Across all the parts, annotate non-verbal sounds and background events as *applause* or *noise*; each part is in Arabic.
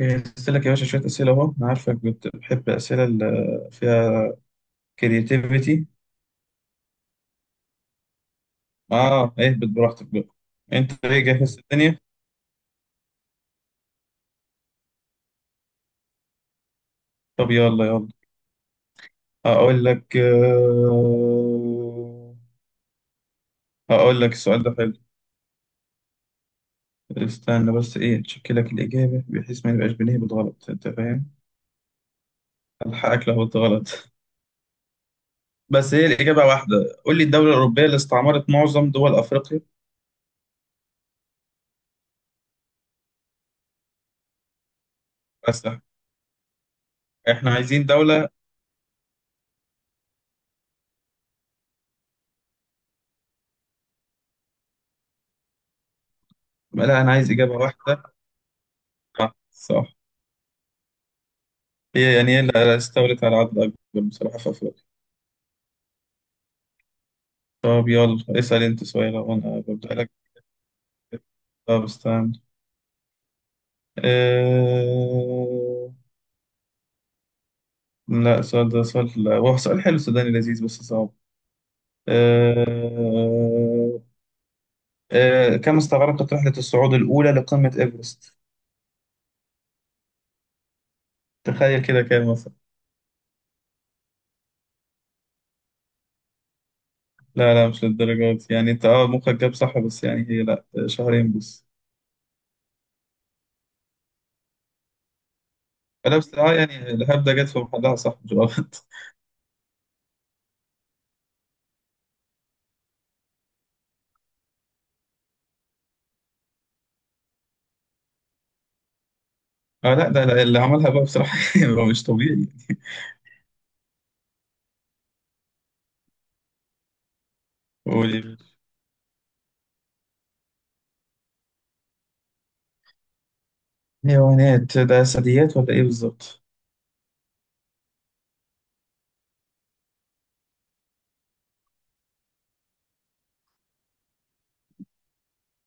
جهزت لك يا باشا شوية أسئلة أهو، أنا عارفك بتحب الأسئلة اللي فيها كرياتيفيتي. آه، اهبط براحتك بقى. أنت إيه، جاهز الدنيا؟ طب يلا يلا، هقول لك، هقول لك السؤال ده حلو. استنى بس، إيه، أتشيك لك الإجابة بحيث ما نبقاش بنهبط غلط، أنت فاهم؟ ألحقك لو قلت غلط *laughs* بس هي الإجابة واحدة. قول لي الدولة الأوروبية اللي استعمرت معظم دول أفريقيا. بس إحنا عايزين دولة. لا، أنا عايز إجابة واحدة. صح، هي يعني هي اللي استولت على عدد أكبر بصراحة في أفريقيا. طب يلا اسأل أنت سؤال وأنا ببدأ لك. طب استنى، أه... لا، السؤال ده سؤال، لا هو سؤال حلو سوداني لذيذ بس صعب. أه... كم استغرقت رحلة الصعود الأولى لقمة إيفرست؟ تخيل كده كام مثلا. لا لا، مش للدرجة دي، يعني أنت أه مخك جاب صح، بس يعني هي لا شهرين بس. لا بس أه يعني الهبدة جت في محلها، صح مش غلط. اه لا، ده ده اللي عملها بقى بصراحة *laughs* هو مش طبيعي. قولي. حيوانات ده ثدييات ولا ايه بالظبط؟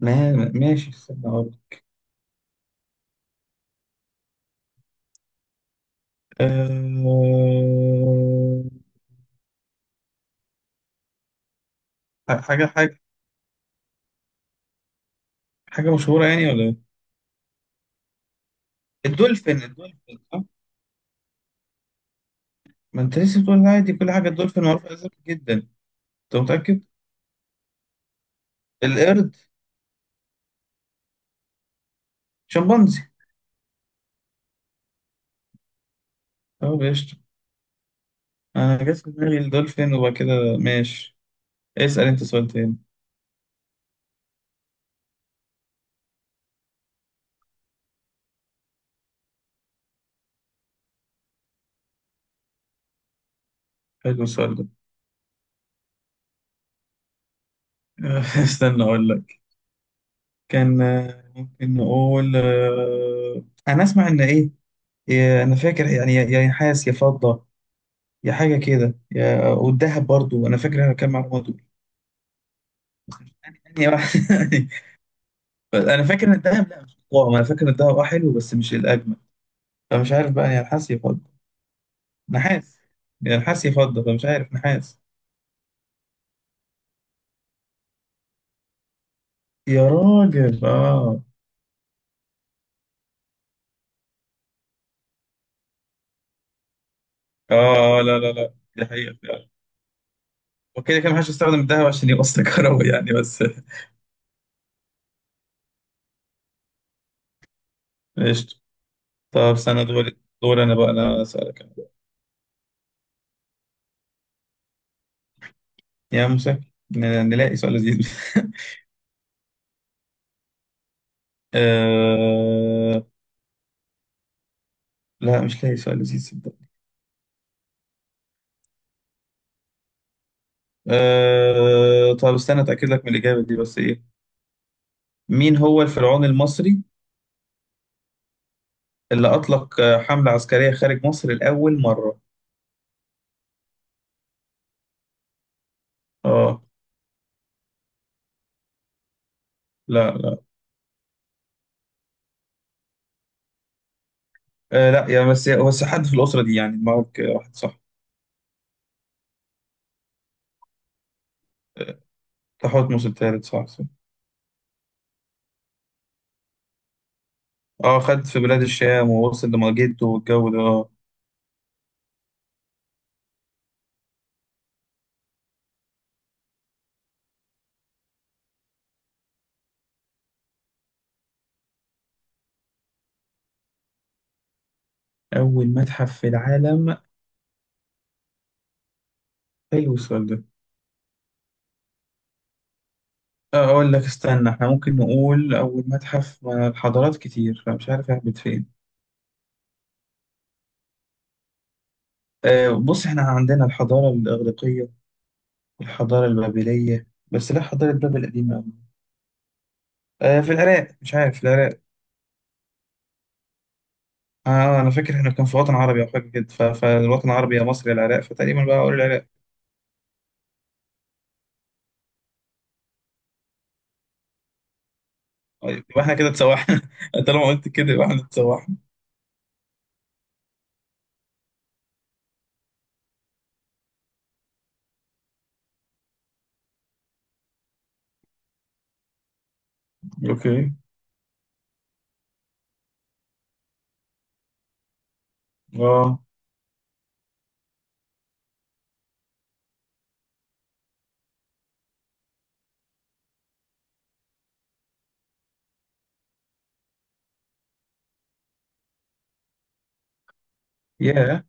ما ماشي، استنى اقول لك. أه... حاجة حاجة. حاجة مشهورة يعني ولا ايه؟ الدولفين، الدولفين صح؟ ما انت لسه بتقول عادي كل حاجة، الدولفين معروفة أساسا جدا. انت متأكد؟ القرد، شمبانزي. اه بيشط. انا جت في دماغي الدولفين وبعد كده ماشي. اسأل انت سؤال تاني. حلو السؤال ده *laughs* استنى اقول لك. كان آه، ممكن نقول آه، انا اسمع ان ايه، انا فاكر يعني يا نحاس يا فضة، يا حاجة كده، يا والذهب برضو انا فاكر، انا كام معلومة دول. يعني يعني. *laughs* انا فاكر ان الذهب، لا مش طعم، انا فاكر ان الذهب اه حلو بس مش الاجمل، فمش عارف بقى يا نحاس يا فضة. نحاس، يا نحاس يا فضة، فمش عارف، نحاس. يا راجل اه. اه لا لا لا، دي حقيقة فعلا. وكده كده محدش يستخدم الذهب عشان يوصل كهرباء يعني بس *laughs* طب استنى دور، دور انا بقى، انا اسالك أنا. يا موسى، نلاقي سؤال لذيذ *laughs* أه... لا مش لاقي سؤال لذيذ صدق. أه... طب استنى اتاكد لك من الاجابه دي بس ايه. مين هو الفرعون المصري اللي اطلق آه، حمله عسكريه خارج مصر لاول مره. اه لا لا. أه لا يا، بس حد في الاسره دي يعني معك، واحد صح. آه، تحتمس الثالث صح صح. اه خد في بلاد الشام ووصل لمجده والجو ده اه. اول متحف في العالم. حلو السؤال ده. أقول لك استنى، إحنا ممكن نقول أول متحف، ما الحضارات كتير فمش عارف أهبط فين. أه بص، إحنا عندنا الحضارة الإغريقية، الحضارة البابلية، بس لا حضارة بابل قديمة أوي. أه في العراق، مش عارف العراق. آه أنا فاكر إحنا كان في وطن عربي أو حاجة كده، فالوطن العربي يا مصر يا العراق، فتقريبا بقى أقول العراق. طيب، يبقى إحنا كده اتسوحنا *laughs* طالما قلت كده يبقى إحنا اتسوحنا. أوكي. آه. ياه.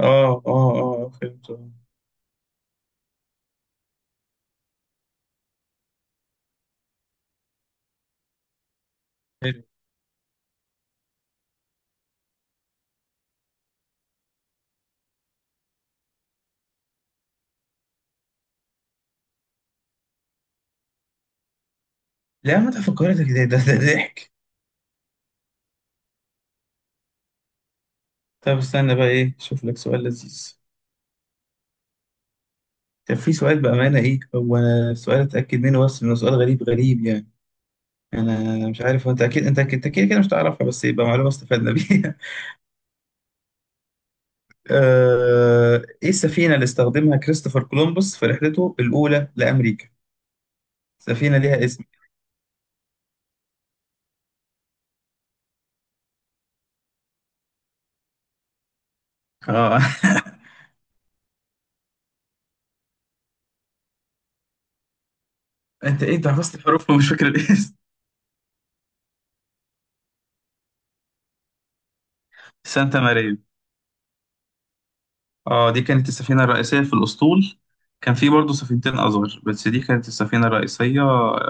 آه آه آه فهمت آه. حلو. لا، متحف القاهرة ده ده ده ده ضحك. طب استنى بقى ايه، شوف لك سؤال لذيذ. كان في سؤال بأمانة ايه هو، أنا سؤال اتأكد منه بس انه سؤال غريب غريب يعني. انا مش عارف، هو انت اكيد، انت اكيد أنت كده كده مش تعرفها، بس يبقى معلومة استفدنا بيها. *laughs* آه، ايه السفينة اللي استخدمها كريستوفر كولومبوس في رحلته الأولى لأمريكا؟ سفينة ليها اسم. اه. *laughs* انت ايه، انت حفظت الحروف ومش فاكر الاسم. سانتا ماريا. اه دي كانت السفينة الرئيسية في الأسطول. كان في برضه سفينتين أصغر، بس دي كانت السفينة الرئيسية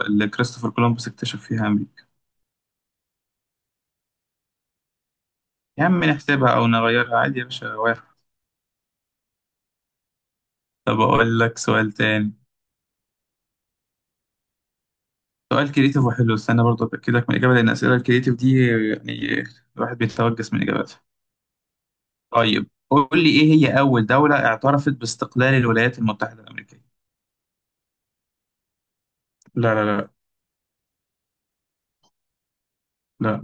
اللي كريستوفر كولومبوس اكتشف فيها أمريكا. يا عم نحسبها أو نغيرها عادي يا باشا، واحد. طب أقول لك سؤال تاني. سؤال كريتيف وحلو، استنى برضه أتأكدك من الإجابة، لأن الأسئلة الكريتيف دي يعني الواحد بيتوجس من إجاباتها. طيب قول لي، إيه هي أول دولة اعترفت باستقلال الولايات المتحدة الأمريكية؟ لا لا لا. لا.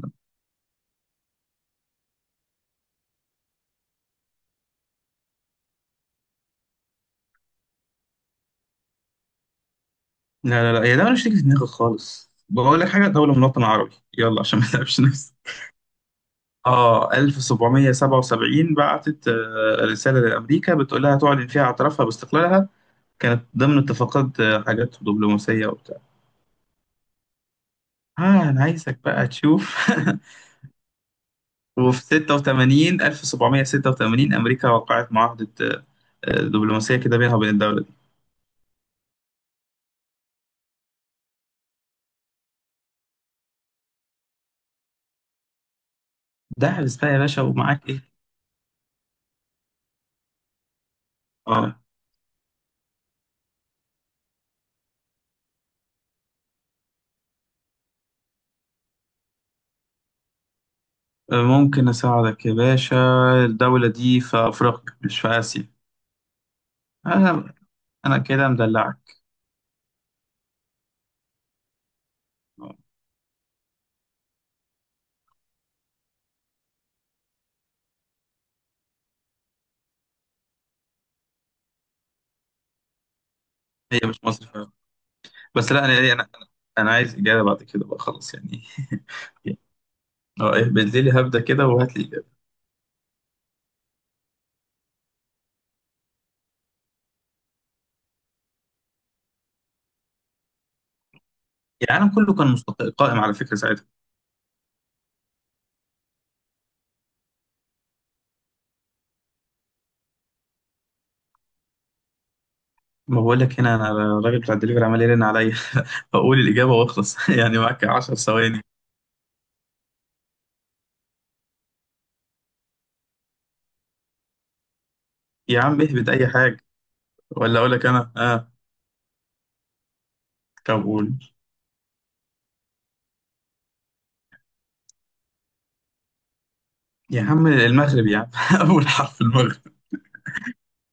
لا لا لا، هي دولة مش تيجي في دماغي خالص، بقول لك حاجة، دولة من الوطن العربي، يلا عشان ما نتعبش نفسك. اه 1777 بعتت آه، رسالة لأمريكا بتقول لها تعلن فيها اعترافها باستقلالها. كانت ضمن اتفاقات آه، حاجات دبلوماسية وبتاع. اه أنا عايزك بقى تشوف *laughs* وفي 86 1786 أمريكا وقعت معاهدة دبلوماسية كده بينها وبين الدولة دي. دعبس بقى يا باشا ومعاك إيه. اه آه، ممكن أساعدك يا باشا، الدولة دي في أفريقيا مش في آسيا. أنا أنا كده مدلعك. آه، هي مش مصر. بس لا انا أنا عايز اجابه بعد كده بقى خلاص يعني. *laughs* اه إيه، بالليل هبدا كده وهات لي اجابه. يعني العالم كله كان قائم على فكره ساعتها. ما بقول لك هنا انا، الراجل بتاع الدليفري عمال يرن عليا *laughs* اقول الاجابه واخلص *laughs* يعني معاك 10 ثواني. يا عم اهبط اي حاجه، ولا اقول لك انا اه. طب قول. يا عم المغرب يا عم *laughs* اول حرف المغرب.